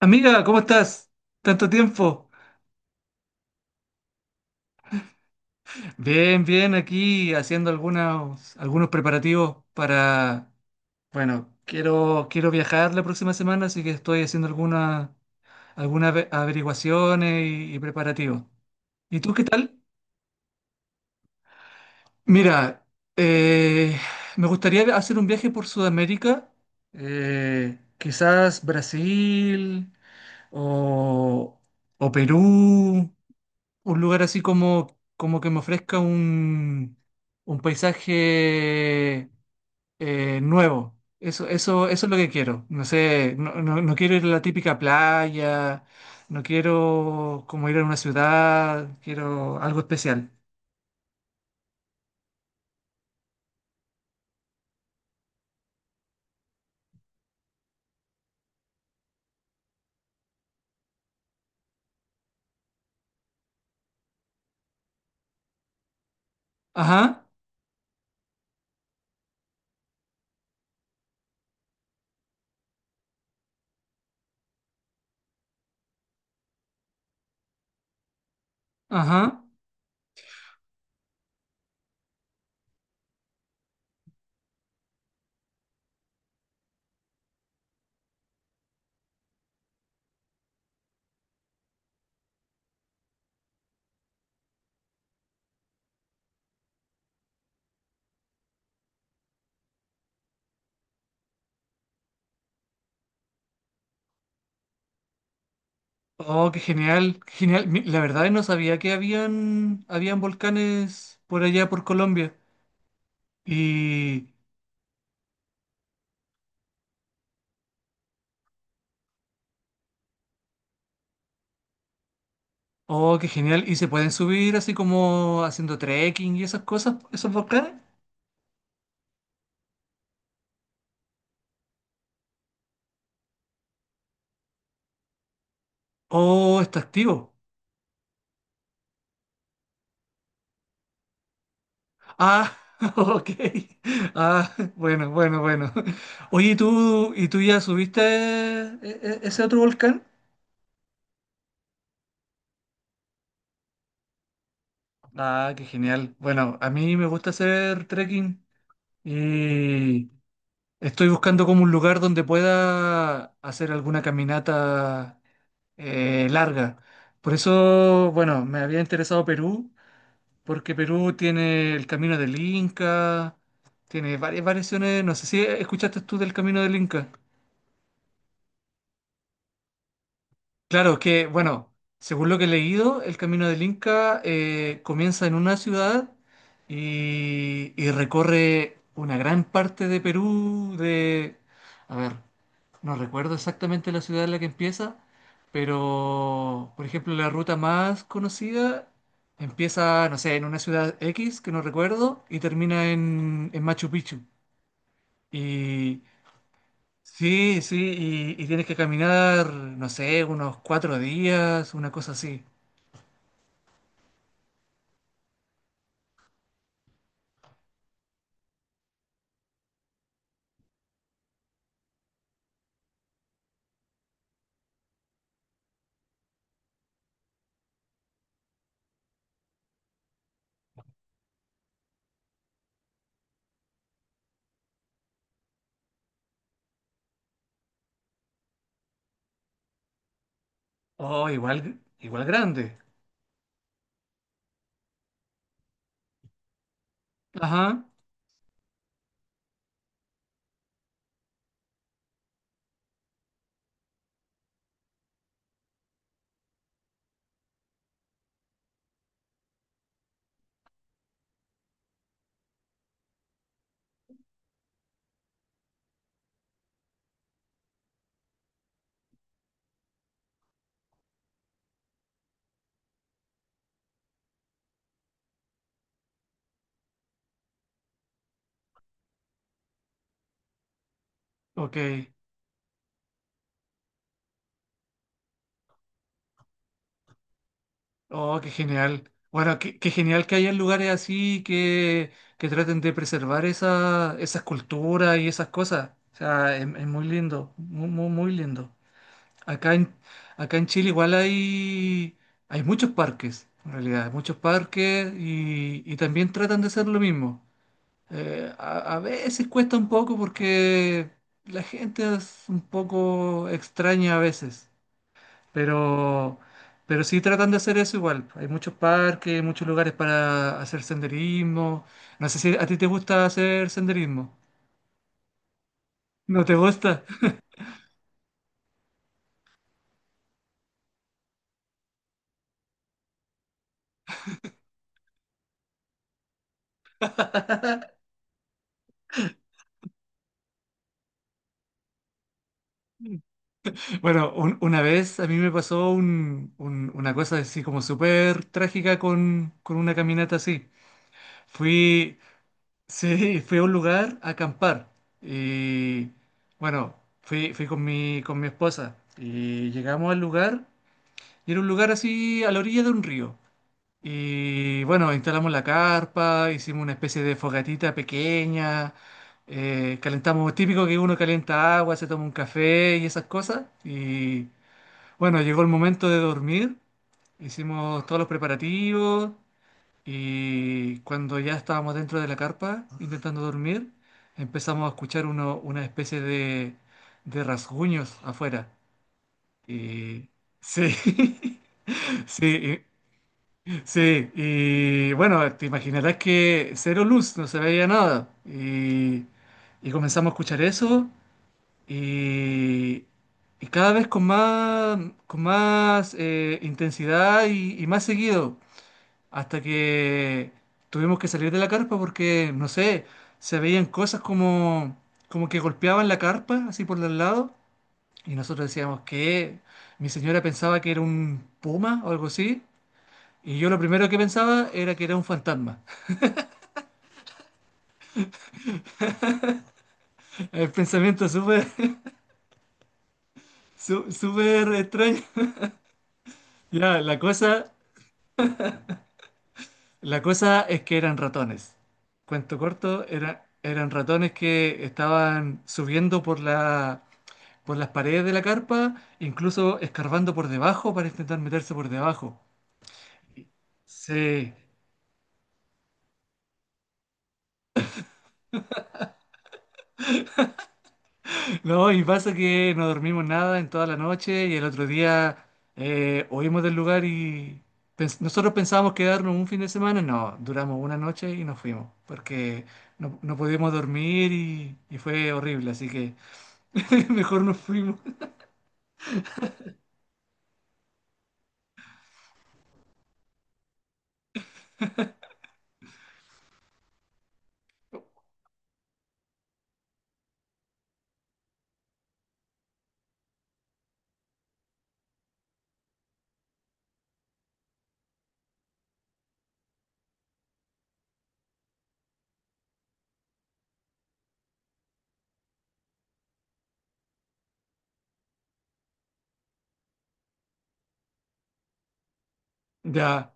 Amiga, ¿cómo estás? Tanto tiempo. Bien, bien, aquí haciendo algunos preparativos para, bueno, quiero viajar la próxima semana, así que estoy haciendo averiguaciones y preparativos. ¿Y tú qué tal? Mira, eh, me gustaría hacer un viaje por Sudamérica, quizás Brasil o, o Perú. Un lugar así como, como que me ofrezca un paisaje nuevo. Eso es lo que quiero. No sé, no quiero ir a la típica playa, no quiero como ir a una ciudad, quiero algo especial. Ajá, ajá. Oh, qué genial, qué genial. La verdad no sabía que habían volcanes por allá por Colombia. Y oh, qué genial. ¿Y se pueden subir así como haciendo trekking y esas cosas, esos volcanes? Oh, está activo. Ah, ok. Ah, bueno, bueno, bueno. Oye, ¿y tú ya subiste ese otro volcán? Ah, qué genial. Bueno, a mí me gusta hacer trekking y estoy buscando como un lugar donde pueda hacer alguna caminata larga. Por eso, bueno, me había interesado Perú. Porque Perú tiene el Camino del Inca, tiene varias variaciones, no sé si escuchaste tú del Camino del Inca. Claro que, bueno, según lo que he leído, el Camino del Inca comienza en una ciudad y recorre una gran parte de Perú, de, a ver, no recuerdo exactamente la ciudad en la que empieza, pero por ejemplo la ruta más conocida empieza, no sé, en una ciudad X que no recuerdo y termina en Machu Picchu. Y sí, sí, y tienes que caminar, no sé, unos cuatro días, una cosa así. Oh, igual, igual grande. Ajá, ok. Oh, qué genial. Bueno, qué, qué genial que haya lugares así que traten de preservar esa, esas culturas y esas cosas. O sea, es muy lindo, muy, muy, muy lindo. Acá en, acá en Chile igual hay, hay muchos parques, en realidad, muchos parques y también tratan de hacer lo mismo. A veces cuesta un poco porque la gente es un poco extraña a veces. Pero, pero sí tratan de hacer eso igual. Hay muchos parques, muchos lugares para hacer senderismo. No sé si a ti te gusta hacer senderismo. ¿No te gusta? Bueno, un- una vez a mí me pasó un- una cosa así como súper trágica con una caminata así. Fui, sí, fui a un lugar a acampar y bueno, fui, fui con mi esposa y llegamos al lugar y era un lugar así a la orilla de un río. Y bueno, instalamos la carpa, hicimos una especie de fogatita pequeña, calentamos, típico que uno calienta agua, se toma un café y esas cosas. Y bueno, llegó el momento de dormir, hicimos todos los preparativos y cuando ya estábamos dentro de la carpa intentando dormir, empezamos a escuchar uno, una especie de rasguños afuera. Y sí, sí, sí, y bueno, te imaginarás que cero luz, no se veía nada. Y comenzamos a escuchar eso y, y cada vez con más intensidad y más seguido, hasta que tuvimos que salir de la carpa porque, no sé, se veían cosas como, como que golpeaban la carpa así por los lados y nosotros decíamos que mi señora pensaba que era un puma o algo así. Y yo lo primero que pensaba era que era un fantasma. El pensamiento súper, súper extraño. Ya, la cosa es que eran ratones. Cuento corto, eran ratones que estaban subiendo por la, por las paredes de la carpa, incluso escarbando por debajo para intentar meterse por debajo. Sí, no, y pasa que no dormimos nada en toda la noche y el otro día oímos del lugar y nosotros pensábamos quedarnos un fin de semana, no, duramos una noche y nos fuimos porque no podíamos dormir y fue horrible, así que mejor nos fuimos. Ya,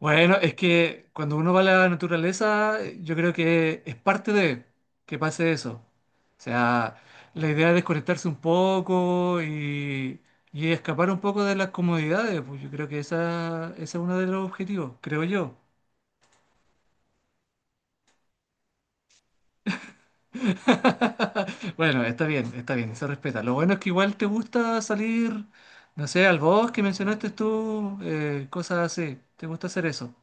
bueno, es que cuando uno va a la naturaleza, yo creo que es parte de que pase eso. O sea, la idea es desconectarse un poco y escapar un poco de las comodidades, pues yo creo que esa, ese es uno de los objetivos, creo yo. Bueno, está bien, se respeta. Lo bueno es que igual te gusta salir, no sé, al bosque, mencionaste tú, cosas así. ¿Te gusta hacer eso?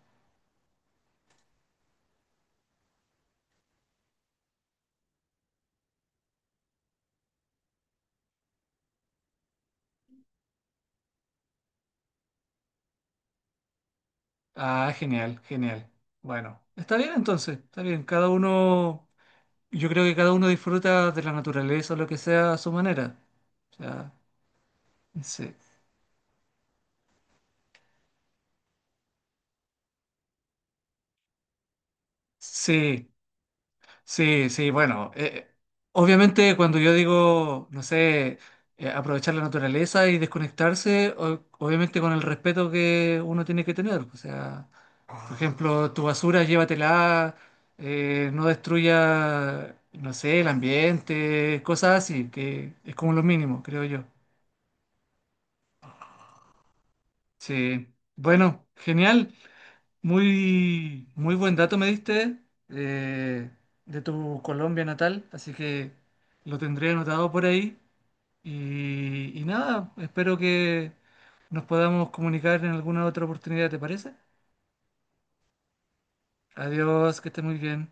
Ah, genial, genial. Bueno, está bien entonces, está bien. Cada uno, yo creo que cada uno disfruta de la naturaleza o lo que sea a su manera. O sea, sí. Sí, sí, sí, bueno, obviamente cuando yo digo, no sé, aprovechar la naturaleza y desconectarse, obviamente con el respeto que uno tiene que tener. O sea, por ejemplo, tu basura llévatela, no destruya, no sé, el ambiente, cosas así, que es como lo mínimo, creo yo. Sí, bueno, genial. Muy, muy buen dato me diste eh, de tu Colombia natal, así que lo tendré anotado por ahí. Y nada, espero que nos podamos comunicar en alguna otra oportunidad, ¿te parece? Adiós, que estés muy bien.